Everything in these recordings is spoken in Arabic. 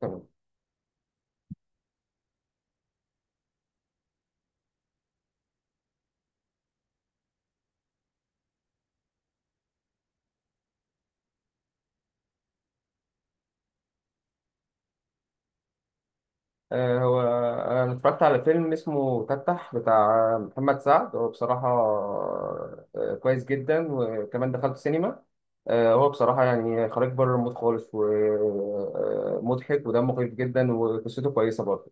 تمام. هو انا اتفرجت على فيلم اسمه تتح بتاع محمد سعد. هو بصراحه كويس جدا وكمان دخلت سينما. هو بصراحه يعني خارج بره المود خالص ومضحك ودمه خفيف جدا وقصته كويسه برضه.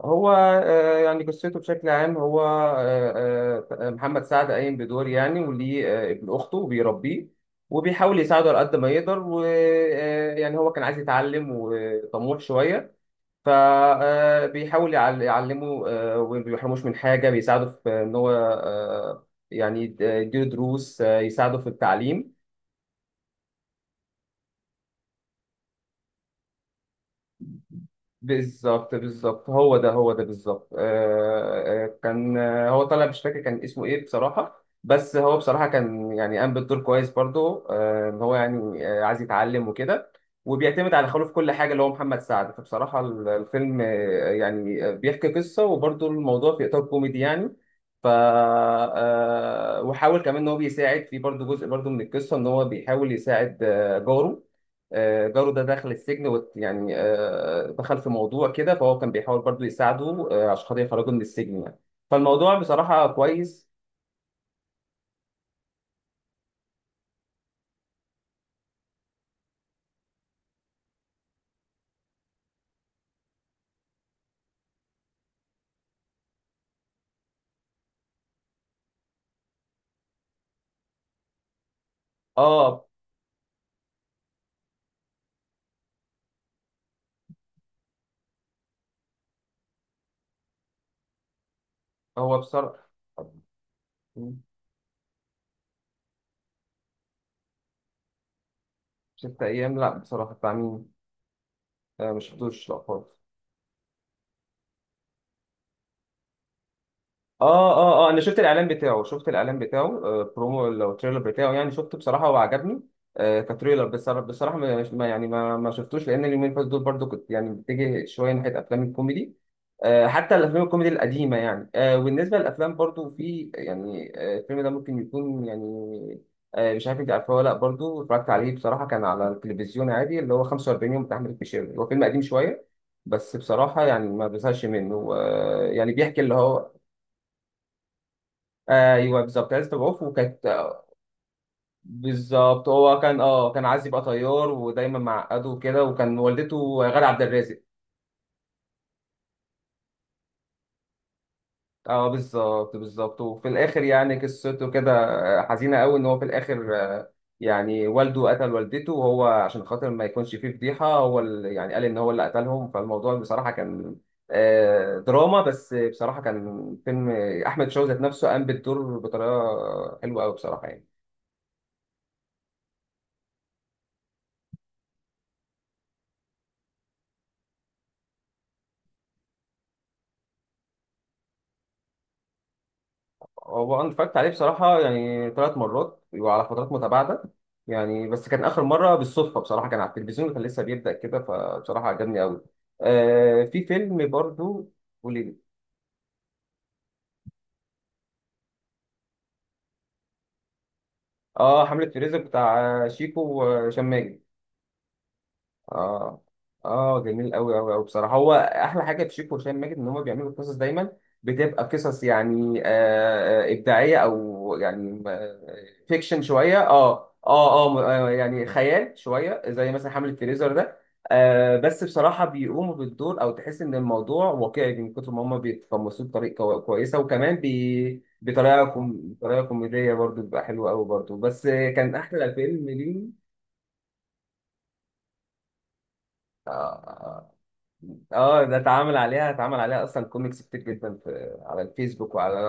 هو يعني قصته بشكل عام هو محمد سعد قايم بدور يعني وليه ابن اخته وبيربيه وبيحاول يساعده على قد ما يقدر ويعني هو كان عايز يتعلم وطموح شويه فبيحاول يعلمه، وما بيحرموش من حاجة بيساعده في إن هو يعني يديله دروس يساعده في التعليم. بالظبط بالظبط هو ده هو ده بالظبط كان هو طالع مش فاكر كان اسمه ايه بصراحة. بس هو بصراحة كان يعني قام بالدور كويس برضه، ان هو يعني عايز يتعلم وكده وبيعتمد على خاله في كل حاجة اللي هو محمد سعد. فبصراحة الفيلم يعني بيحكي قصة وبرضه الموضوع في إطار كوميدي يعني. ف آه، وحاول كمان ان هو بيساعد في برضه جزء برضه من القصة ان هو بيحاول يساعد جاره. جاره ده دخل السجن يعني دخل في موضوع كده فهو كان بيحاول برضو يساعده عشان خاطر يخرجه من السجن يعني. فالموضوع بصراحة كويس. اه هو بصراحة ست أيام، لا بصراحة بتاع مين؟ مش شفتوش لا خالص. اه اه اه انا شفت الاعلان بتاعه شفت الاعلان بتاعه برومو لو تريلر بتاعه يعني شفته بصراحه وعجبني. كتريلر بصراحه بصراحه يعني ما ما شفتوش لان اليومين اللي فاتوا دول برضو كنت يعني بتجي شويه ناحيه افلام الكوميدي. حتى الافلام الكوميدي القديمه يعني وبالنسبه للافلام برضو في يعني الفيلم ده ممكن يكون يعني. مش عارف انت عارفه ولا لا، برضو اتفرجت عليه بصراحه كان على التلفزيون عادي اللي هو 45 يوم بتاع احمد الفيشاوي. هو فيلم قديم شويه بس بصراحة يعني ما بزهقش منه، يعني بيحكي اللي هو. ايوه بالظبط عايز تبعوف وكانت. بالظبط هو كان اه كان عايز يبقى طيار ودايما معقده وكده وكان والدته غادة عبد الرازق. اه بالظبط بالظبط وفي الاخر يعني قصته كده حزينه قوي ان هو في الاخر يعني والده قتل والدته وهو عشان خاطر ما يكونش فيه فضيحه هو اللي يعني قال ان هو اللي قتلهم. فالموضوع بصراحه كان دراما. بس بصراحه كان فيلم احمد شوقي ذات نفسه قام بالدور بطريقه حلوه قوي بصراحه يعني. هو انا اتفرجت عليه بصراحه يعني ثلاث مرات وعلى فترات متباعده يعني. بس كان اخر مره بالصدفه بصراحه كان على التلفزيون وكان لسه بيبدا كده فبصراحه عجبني قوي. في فيلم برضو. قولي لي. اه حمله فريزر بتاع شيكو وهشام ماجد. اه اه جميل قوي قوي قوي بصراحه. هو احلى حاجه في شيكو وهشام ماجد ان هم بيعملوا قصص دايما بتبقى قصص يعني ابداعيه او يعني، فيكشن شويه اه اه اه يعني خيال شويه زي مثلا حمله فريزر ده. بس بصراحه بيقوموا بالدور او تحس ان الموضوع واقعي من كتر ما هم بيتقمصوه بطريقه كويسه وكمان بي بطريقه بطريقه كوميديه برضو بتبقى حلوه قوي برضو بس كان احلى فيلم ليه. آه، اه ده اتعمل عليها اتعمل عليها اصلا كوميكس كتير جدا في على الفيسبوك وعلى.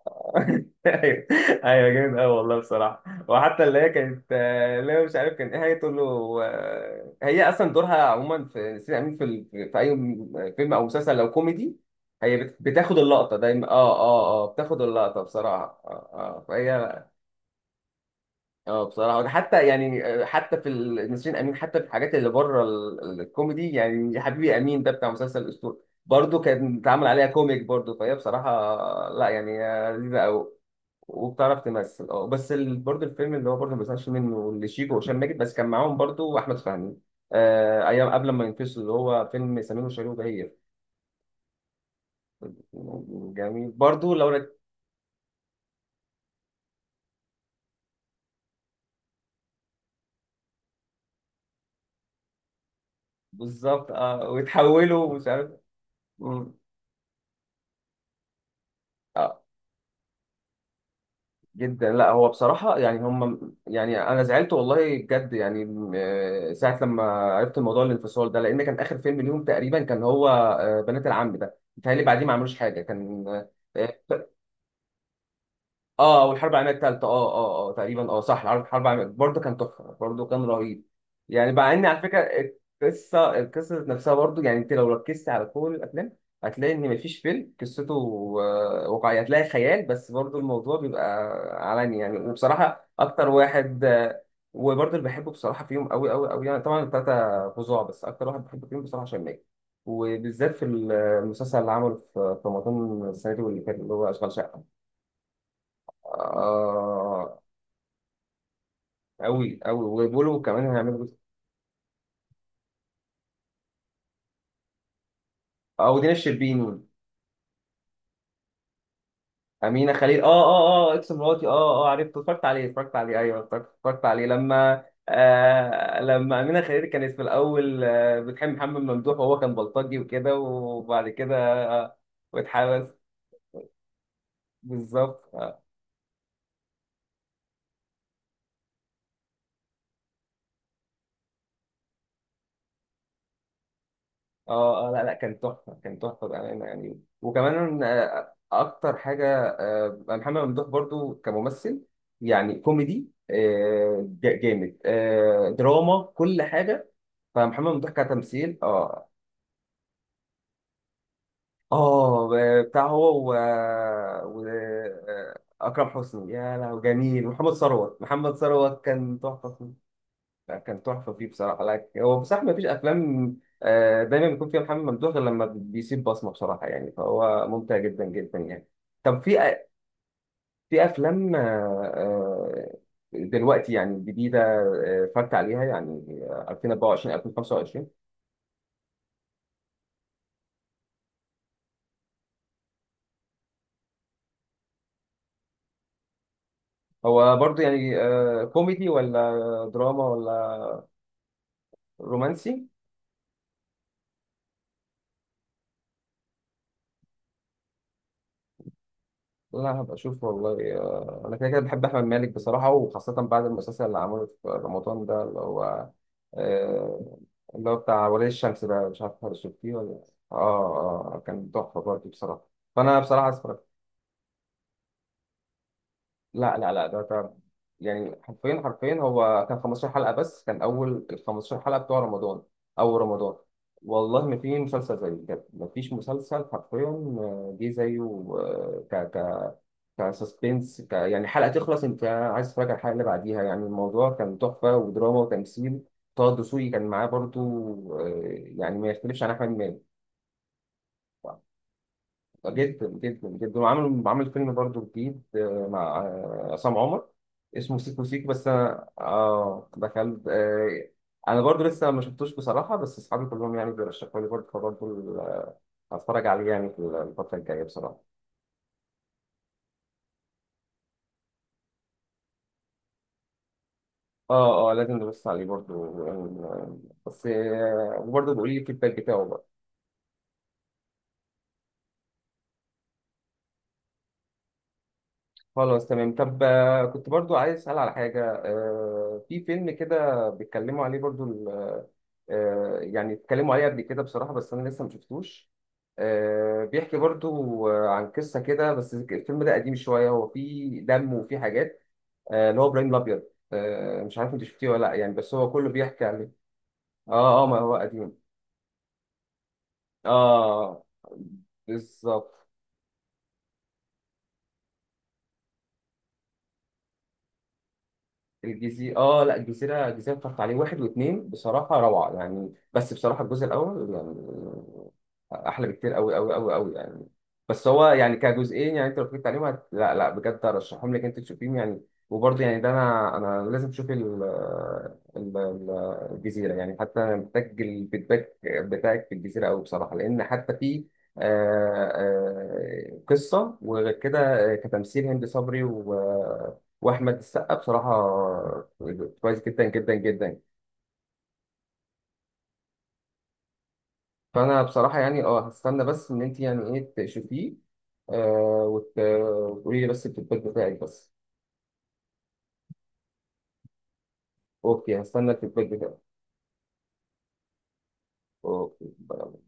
ايوه. ايوه جامد قوي والله بصراحه. وحتى اللي هي كانت اللي هي مش عارف كان ايه هي تقول له. هي اصلا دورها عموما في سيدي امين في في اي فيلم او مسلسل لو كوميدي هي بتاخد اللقطه دايما اه اه اه بتاخد اللقطه بصراحه اه اه فهي. اه بصراحة حتى يعني حتى في نسرين أمين حتى في الحاجات اللي بره الكوميدي يعني يا حبيبي أمين ده بتاع مسلسل الأسطورة برضه كان اتعمل عليها كوميك برضه. فهي بصراحة لا يعني لذيذة أوي وبتعرف تمثل. اه بس برضه الفيلم اللي هو برضه ما بيزهقش منه اللي شيكو وهشام ماجد بس كان معاهم برضه أحمد فهمي أيام قبل ما ينفصل اللي هو فيلم سمير وشهير وبهير. جميل برضه لو بالظبط اه ويتحولوا مش عارف. مم. آه. جدا، لا هو بصراحة يعني هم يعني أنا زعلت والله بجد يعني ساعة لما عرفت الموضوع الانفصال ده لأن كان آخر فيلم ليهم تقريبا كان هو بنات العم ده متهيألي بعديه ما عملوش حاجة كان آه، اه والحرب العالميه الثالثه اه اه اه تقريبا اه صح. الحرب الحرب العالميه برضه كان تحفه برضه كان رهيب يعني مع ان على فكره القصه القصه ذات نفسها برضه. يعني انت لو ركزت على كل الافلام هتلاقي ان مفيش فيلم قصته واقعيه هتلاقي خيال بس برضه الموضوع بيبقى علني يعني. وبصراحه اكتر واحد، وبرضه اللي بحبه بصراحه فيهم قوي قوي قوي يعني طبعا الثلاثه فظاع. بس اكتر واحد بحبه فيهم بصراحه هشام ماجد وبالذات في المسلسل اللي عمله في في رمضان السنه دي واللي فات اللي هو اشغال شقه. آه أوي أوي وبيقولوا كمان هيعملوا جزء. ودينا الشربيني. أمينة خليل، إكس مراتي عرفت اتفرجت عليه اتفرجت عليه أيوه اتفرجت اتفرجت عليه لما لما أمينة خليل كانت في الأول بتحب محمد ممدوح وهو كان بلطجي وكده وبعد كده آه واتحبس. بالظبط. اه لا لا كان تحفه كان تحفه بامانه يعني. وكمان اكتر حاجه محمد ممدوح برضو كممثل يعني كوميدي جامد دراما كل حاجه. فمحمد ممدوح كتمثيل اه. اه بتاع هو اكرم حسني. يا لهوي جميل محمد ثروت محمد ثروت كان تحفه. لا، كان تحفه فيه بصراحه. لا هو بصراحه ما فيش افلام دايما بيكون فيها محمد ممدوح غير لما بيسيب بصمه بصراحه يعني. فهو ممتع جدا جدا يعني. طب في في افلام آه، دلوقتي يعني جديده، اتفرجت عليها يعني، 2024 2025. هو برضو يعني كوميدي ولا دراما ولا رومانسي؟ لا هبقى اشوف والله، انا كده كده بحب احمد مالك بصراحه وخاصه بعد المسلسل اللي عمله في رمضان ده اللي هو آه، اللي هو بتاع ولي الشمس ده مش عارف هل شفتيه ولا لأ. اه اه كان تحفه برضه بصراحه. فانا بصراحه اتفرجت. لا لا لا ده ده يعني حرفيا حرفيا هو كان 15 حلقه بس كان اول ال 15 حلقه بتوع رمضان اول رمضان. والله ما في مسلسل زيه بجد ما فيش مسلسل حرفيا، جه زيه. كسسبنس يعني حلقة تخلص انت عايز تتفرج على الحلقة اللي بعديها يعني. الموضوع كان تحفة ودراما وتمثيل. طه دسوقي كان معاه برضو آه، يعني ما يختلفش عن أحمد مالك. جدا جدا جدا. وعمل عمل فيلم برضو جديد مع عصام عمر اسمه سيكو سيكو. بس أنا دخلت أنا برضو لسه ما شفتوش بصراحة. بس أصحابي كلهم يعني بيرشحوا لي برضو فبرضو هتفرج عليه يعني في الفترة الجاية بصراحة. اه اه لازم نبص عليه برضو بس وبرضو بيقول لي الفيدباك بتاعه بقى. خلاص تمام. طب كنت برضو عايز اسال على حاجه في فيلم كده بيتكلموا عليه برضو يعني اتكلموا عليه قبل كده بصراحه بس انا لسه ما شفتوش بيحكي برضو عن قصه كده. بس الفيلم ده قديم شويه هو فيه دم وفيه حاجات اللي هو ابراهيم الابيض مش عارف انت شفتيه ولا لا يعني. بس هو كله بيحكي عليه. اه اه ما هو قديم. اه بالظبط. الجزيرة اه لا الجزيرة الجزيرة اتفرجت عليه واحد واثنين بصراحة روعة يعني. بس بصراحة الجزء الأول يعني أحلى بكتير أوي أوي أوي أوي يعني. بس هو يعني كجزئين يعني أنت لو اتفرجت عليهم لا لا بجد أرشحهم لك أنت تشوفيهم يعني. وبرضه يعني ده أنا أنا لازم أشوف ال... ال- الجزيرة يعني. حتى أنا محتاج الفيدباك بتاعك في الجزيرة أوي بصراحة لأن حتى في آه، قصة وغير كده كتمثيل هند صبري و واحمد السقا بصراحه كويس جدا جدا جدا. فانا بصراحه يعني اه هستنى بس ان انت يعني ايه تشوفيه وتقولي لي بس الفيدباك بتاعك بس. اوكي هستنى الفيدباك بتاعك. اوكي.